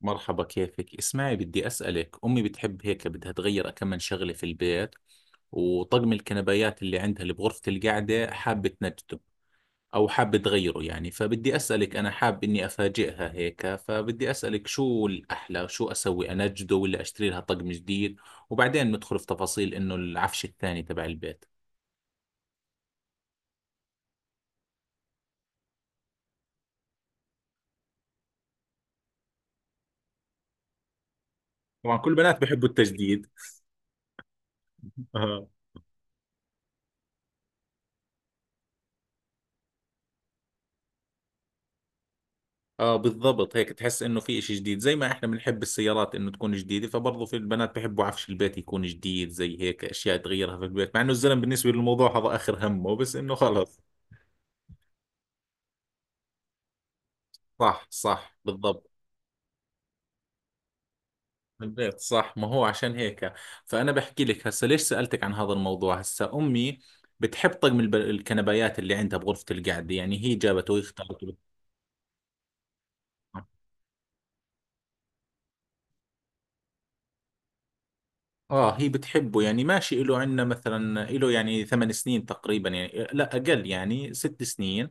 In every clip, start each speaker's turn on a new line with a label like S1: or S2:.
S1: مرحبا، كيفك؟ اسمعي، بدي أسألك، أمي بتحب هيك بدها تغير كم من شغلة في البيت، وطقم الكنبايات اللي عندها اللي بغرفة القعدة حابة تنجده أو حابة تغيره. يعني فبدي أسألك، أنا حاب إني أفاجئها هيك، فبدي أسألك شو الأحلى؟ شو أسوي، أنجده ولا أشتري لها طقم جديد؟ وبعدين ندخل في تفاصيل إنه العفش الثاني تبع البيت. طبعا كل بنات بحبوا التجديد. اه، بالضبط، هيك تحس انه في اشي جديد، زي ما احنا بنحب السيارات انه تكون جديدة، فبرضه في البنات بحبوا عفش البيت يكون جديد، زي هيك اشياء تغيرها في البيت. مع انه الزلم بالنسبة للموضوع هذا اخر همه، بس انه خلص. صح بالضبط. البيت، صح، ما هو عشان هيك. فانا بحكي لك هسه ليش سألتك عن هذا الموضوع. هسه امي بتحب طقم الكنبايات اللي عندها بغرفة القعدة، يعني هي جابته وهي اختارته. اه، هي بتحبه يعني، ماشي له عندنا مثلا له يعني 8 سنين تقريبا، يعني لا اقل يعني 6 سنين.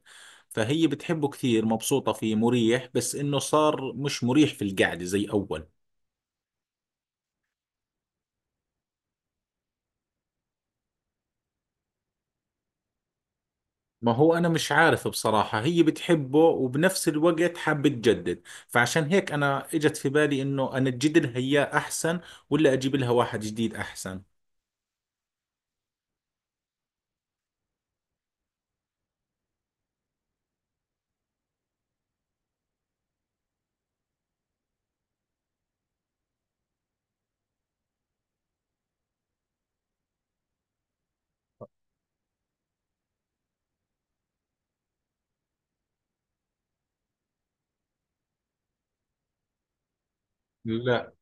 S1: فهي بتحبه كثير، مبسوطة فيه، مريح، بس انه صار مش مريح في القعدة زي اول. ما هو انا مش عارف بصراحة، هي بتحبه وبنفس الوقت حابة تجدد. فعشان هيك انا اجت في بالي انه انا اجدد لها اياه احسن ولا اجيب لها واحد جديد احسن. لا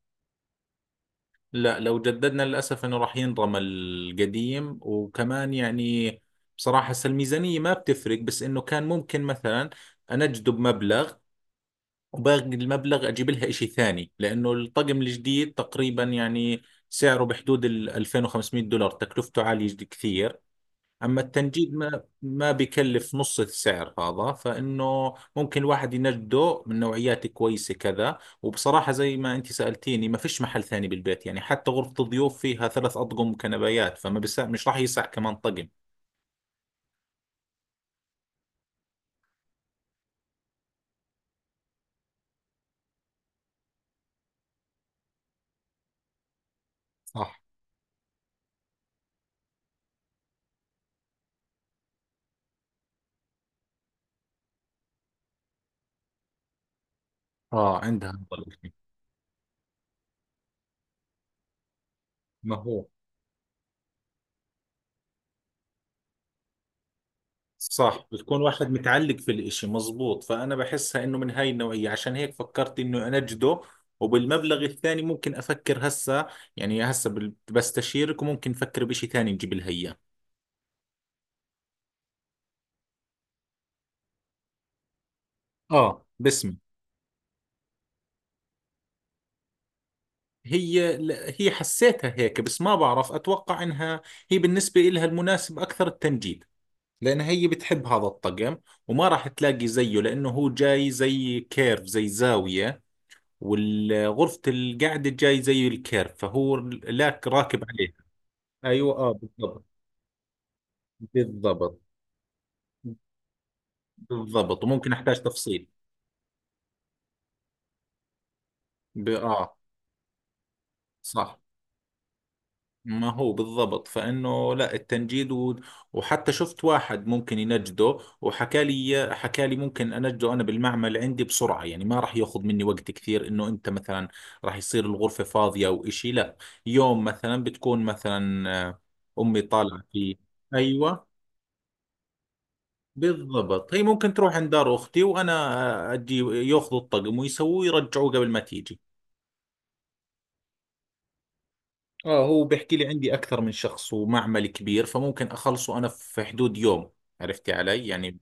S1: لا لو جددنا للأسف أنه راح ينرمى القديم. وكمان يعني، بصراحة هسه الميزانية ما بتفرق، بس أنه كان ممكن مثلا أنا أجذب مبلغ وباقي المبلغ أجيب لها إشي ثاني، لأنه الطقم الجديد تقريبا يعني سعره بحدود ال $2500، تكلفته عالية كثير. اما التنجيد ما بكلف نص السعر هذا، فانه ممكن الواحد ينجده من نوعيات كويسه كذا. وبصراحه، زي ما انت سالتيني، ما فيش محل ثاني بالبيت، يعني حتى غرفه الضيوف فيها 3 اطقم كنبايات، فما بس مش راح يسع كمان طقم. صح. اه، عندها هذا الإشي. ما هو صح، بتكون واحد متعلق في الاشي، مزبوط. فأنا بحسها إنه من هاي النوعية، عشان هيك فكرت إنه أنجده. وبالمبلغ الثاني ممكن أفكر هسا، يعني هسا بستشيرك وممكن أفكر بإشي ثاني نجيب لها إياه. اه، باسمي. هي حسيتها هيك، بس ما بعرف أتوقع إنها، هي بالنسبة إلها المناسب أكثر التنجيد، لأنها هي بتحب هذا الطقم وما راح تلاقي زيه، لأنه هو جاي زي كيرف، زي زاوية، والغرفة القعدة الجاي زي الكيرف، فهو لاك راكب عليها. ايوه، اه، بالضبط. بالضبط بالضبط وممكن احتاج تفصيل. اه. صح، ما هو بالضبط. فانه لا، التنجيد وحتى شفت واحد ممكن ينجده، وحكى لي، حكى لي ممكن انجده انا بالمعمل عندي بسرعة، يعني ما راح ياخذ مني وقت كثير. انه انت مثلا راح يصير الغرفة فاضية او اشي؟ لا، يوم مثلا بتكون مثلا امي طالعة فيه. ايوه، بالضبط، هي ممكن تروح عند دار اختي وانا اجي ياخذوا الطقم ويسووه يرجعوه قبل ما تيجي. اه، هو بيحكي لي عندي اكثر من شخص ومعمل كبير، فممكن اخلصه انا في حدود يوم. عرفتي علي يعني.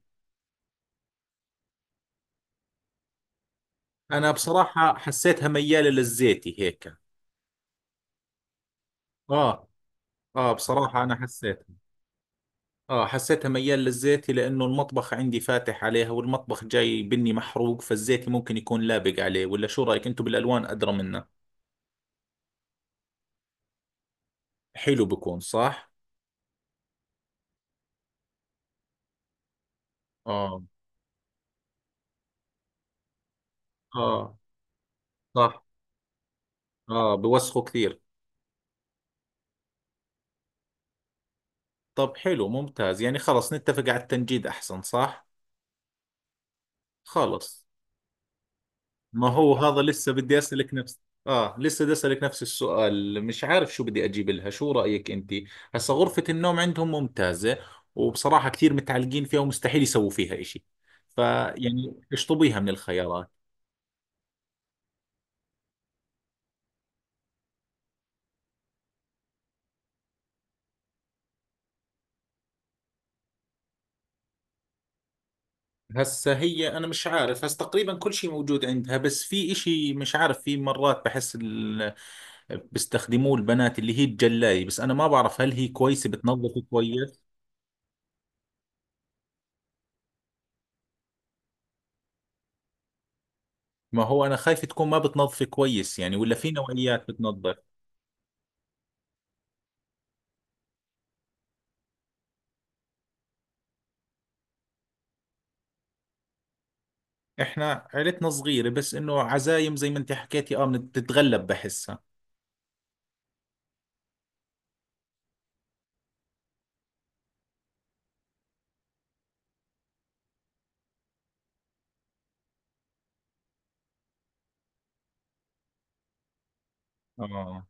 S1: انا بصراحة حسيتها ميالة للزيتي هيك. اه. اه، بصراحة انا حسيتها. اه، حسيتها ميال للزيتي، لانه المطبخ عندي فاتح عليها والمطبخ جاي بني محروق، فالزيتي ممكن يكون لابق عليه. ولا شو رايك، انتم بالالوان ادرى منا. حلو، بكون صح. اه. اه، صح. اه، بوسخوا كثير. طب حلو، ممتاز، يعني خلص نتفق على التنجيد احسن، صح؟ خلص. ما هو هذا لسه بدي اسالك نفس اه لسه بدي اسالك نفس السؤال، مش عارف شو بدي اجيب لها، شو رايك انت؟ هسا غرفه النوم عندهم ممتازه، وبصراحه كثير متعلقين فيها ومستحيل يسووا فيها إشي، فيعني اشطبيها من الخيارات. هسا هي، انا مش عارف، هسا تقريبا كل شيء موجود عندها. بس في إشي مش عارف، في مرات بحس بيستخدموه البنات، اللي هي الجلاية. بس أنا ما بعرف هل هي كويسة بتنظف كويس. ما هو أنا خايف تكون ما بتنظف كويس يعني، ولا في نوعيات بتنظف. إحنا عيلتنا صغيرة، بس إنه عزايم زي ما أنت حكيتي، آه، بتتغلب بحسها. آه.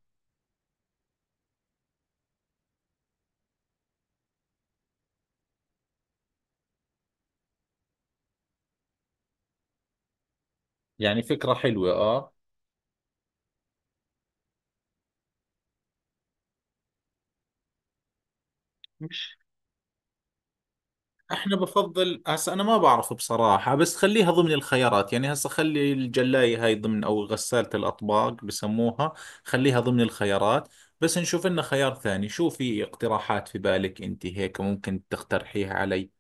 S1: يعني فكرة حلوة، آه. احنا بفضل هسه انا ما بعرف بصراحة، بس خليها ضمن الخيارات. يعني هسه خلي الجلاية هاي ضمن، او غسالة الاطباق بسموها، خليها ضمن الخيارات. بس نشوف لنا خيار ثاني، شو في اقتراحات في بالك انت هيك ممكن تقترحيها علي؟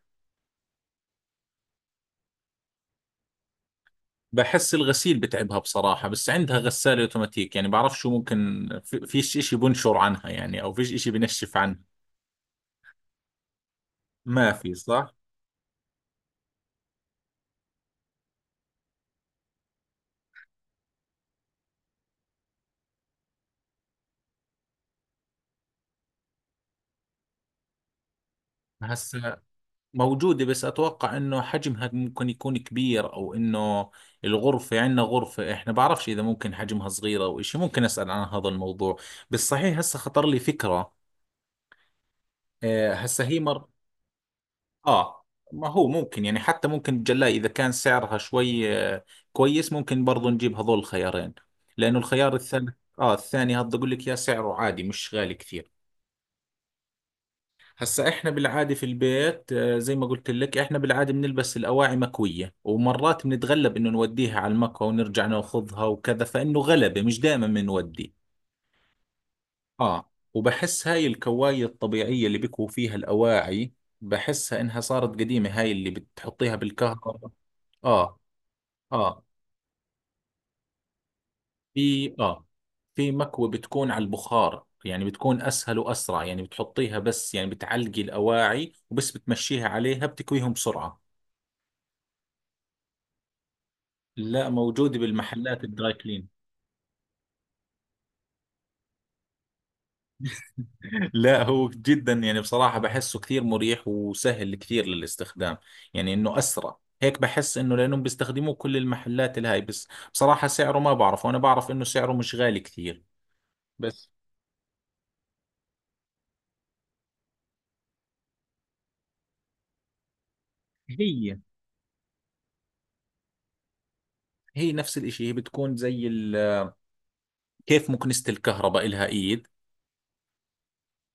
S1: بحس الغسيل بتعبها بصراحة، بس عندها غسالة اوتوماتيك، يعني بعرف شو ممكن، فيش اشي بنشر عنها يعني، او فيش اشي بنشف عنها. ما في، صح. هسه موجودة، بس أتوقع إنه حجمها ممكن يكون كبير، أو إنه الغرفة عندنا غرفة إحنا بعرفش إذا ممكن حجمها صغيرة أو إشي. ممكن أسأل عن هذا الموضوع. بس صحيح هسه خطر لي فكرة. آه، هسه هي مر آه ما هو ممكن، يعني حتى ممكن الجلاية، إذا كان سعرها شوي كويس، ممكن برضو نجيب هذول الخيارين. لأنه الخيار الثالث، آه، الثاني هذا أقول لك يا سعره عادي، مش غالي كثير. هسا احنا بالعادة في البيت، زي ما قلت لك احنا بالعادة بنلبس الأواعي مكوية. ومرات بنتغلب انه نوديها على المكوى ونرجع ناخذها وكذا، فإنه غلبة مش دائما بنودي. اه، وبحس هاي الكواية الطبيعية اللي بكوا فيها الأواعي، بحسها انها صارت قديمة، هاي اللي بتحطيها بالكهرباء. اه. اه اه, في مكوى بتكون على البخار، يعني بتكون أسهل وأسرع، يعني بتحطيها بس، يعني بتعلقي الأواعي وبس بتمشيها عليها بتكويهم بسرعة. لا، موجود بالمحلات الدراي كلين. لا، هو جدا يعني، بصراحة بحسه كثير مريح وسهل كثير للاستخدام. يعني انه اسرع هيك، بحس انه لانهم بيستخدموه كل المحلات الهاي. بس بصراحة سعره ما بعرفه، انا بعرف انه سعره مش غالي كثير. بس هي هي نفس الاشي، هي بتكون زي كيف مكنسة الكهرباء إلها ايد،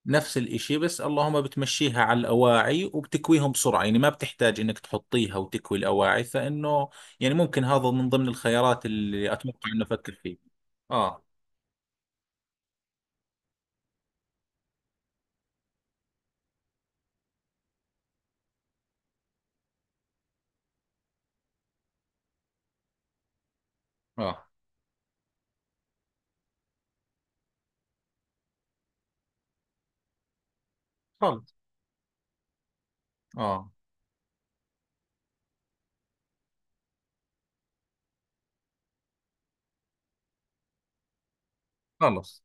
S1: نفس الإشي. بس اللهم بتمشيها على الأواعي وبتكويهم بسرعة، يعني ما بتحتاج إنك تحطيها وتكوي الأواعي فإنه، يعني ممكن هذا من ضمن الخيارات اللي أتوقع إنه أفكر فيه. آه. آه. خلص. آه، خلص.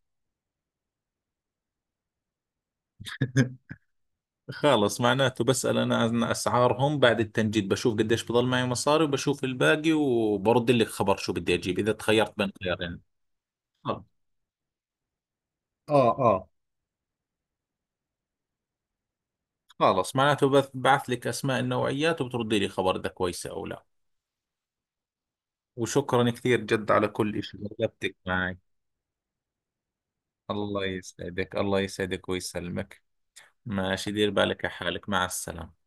S1: خلص، معناته بسأل أنا عن أسعارهم بعد التنجيد، بشوف قديش بضل معي مصاري وبشوف الباقي، وبرد لك خبر شو بدي أجيب إذا تخيرت بين خيارين. خلص. اه، خلص، معناته بعث لك أسماء النوعيات وبتردي لي خبر إذا كويسة أو لا. وشكرا كثير جد على كل شيء، رغبتك معي. الله يسعدك، الله يسعدك ويسلمك. ماشي، دير بالك على حالك، مع السلامة.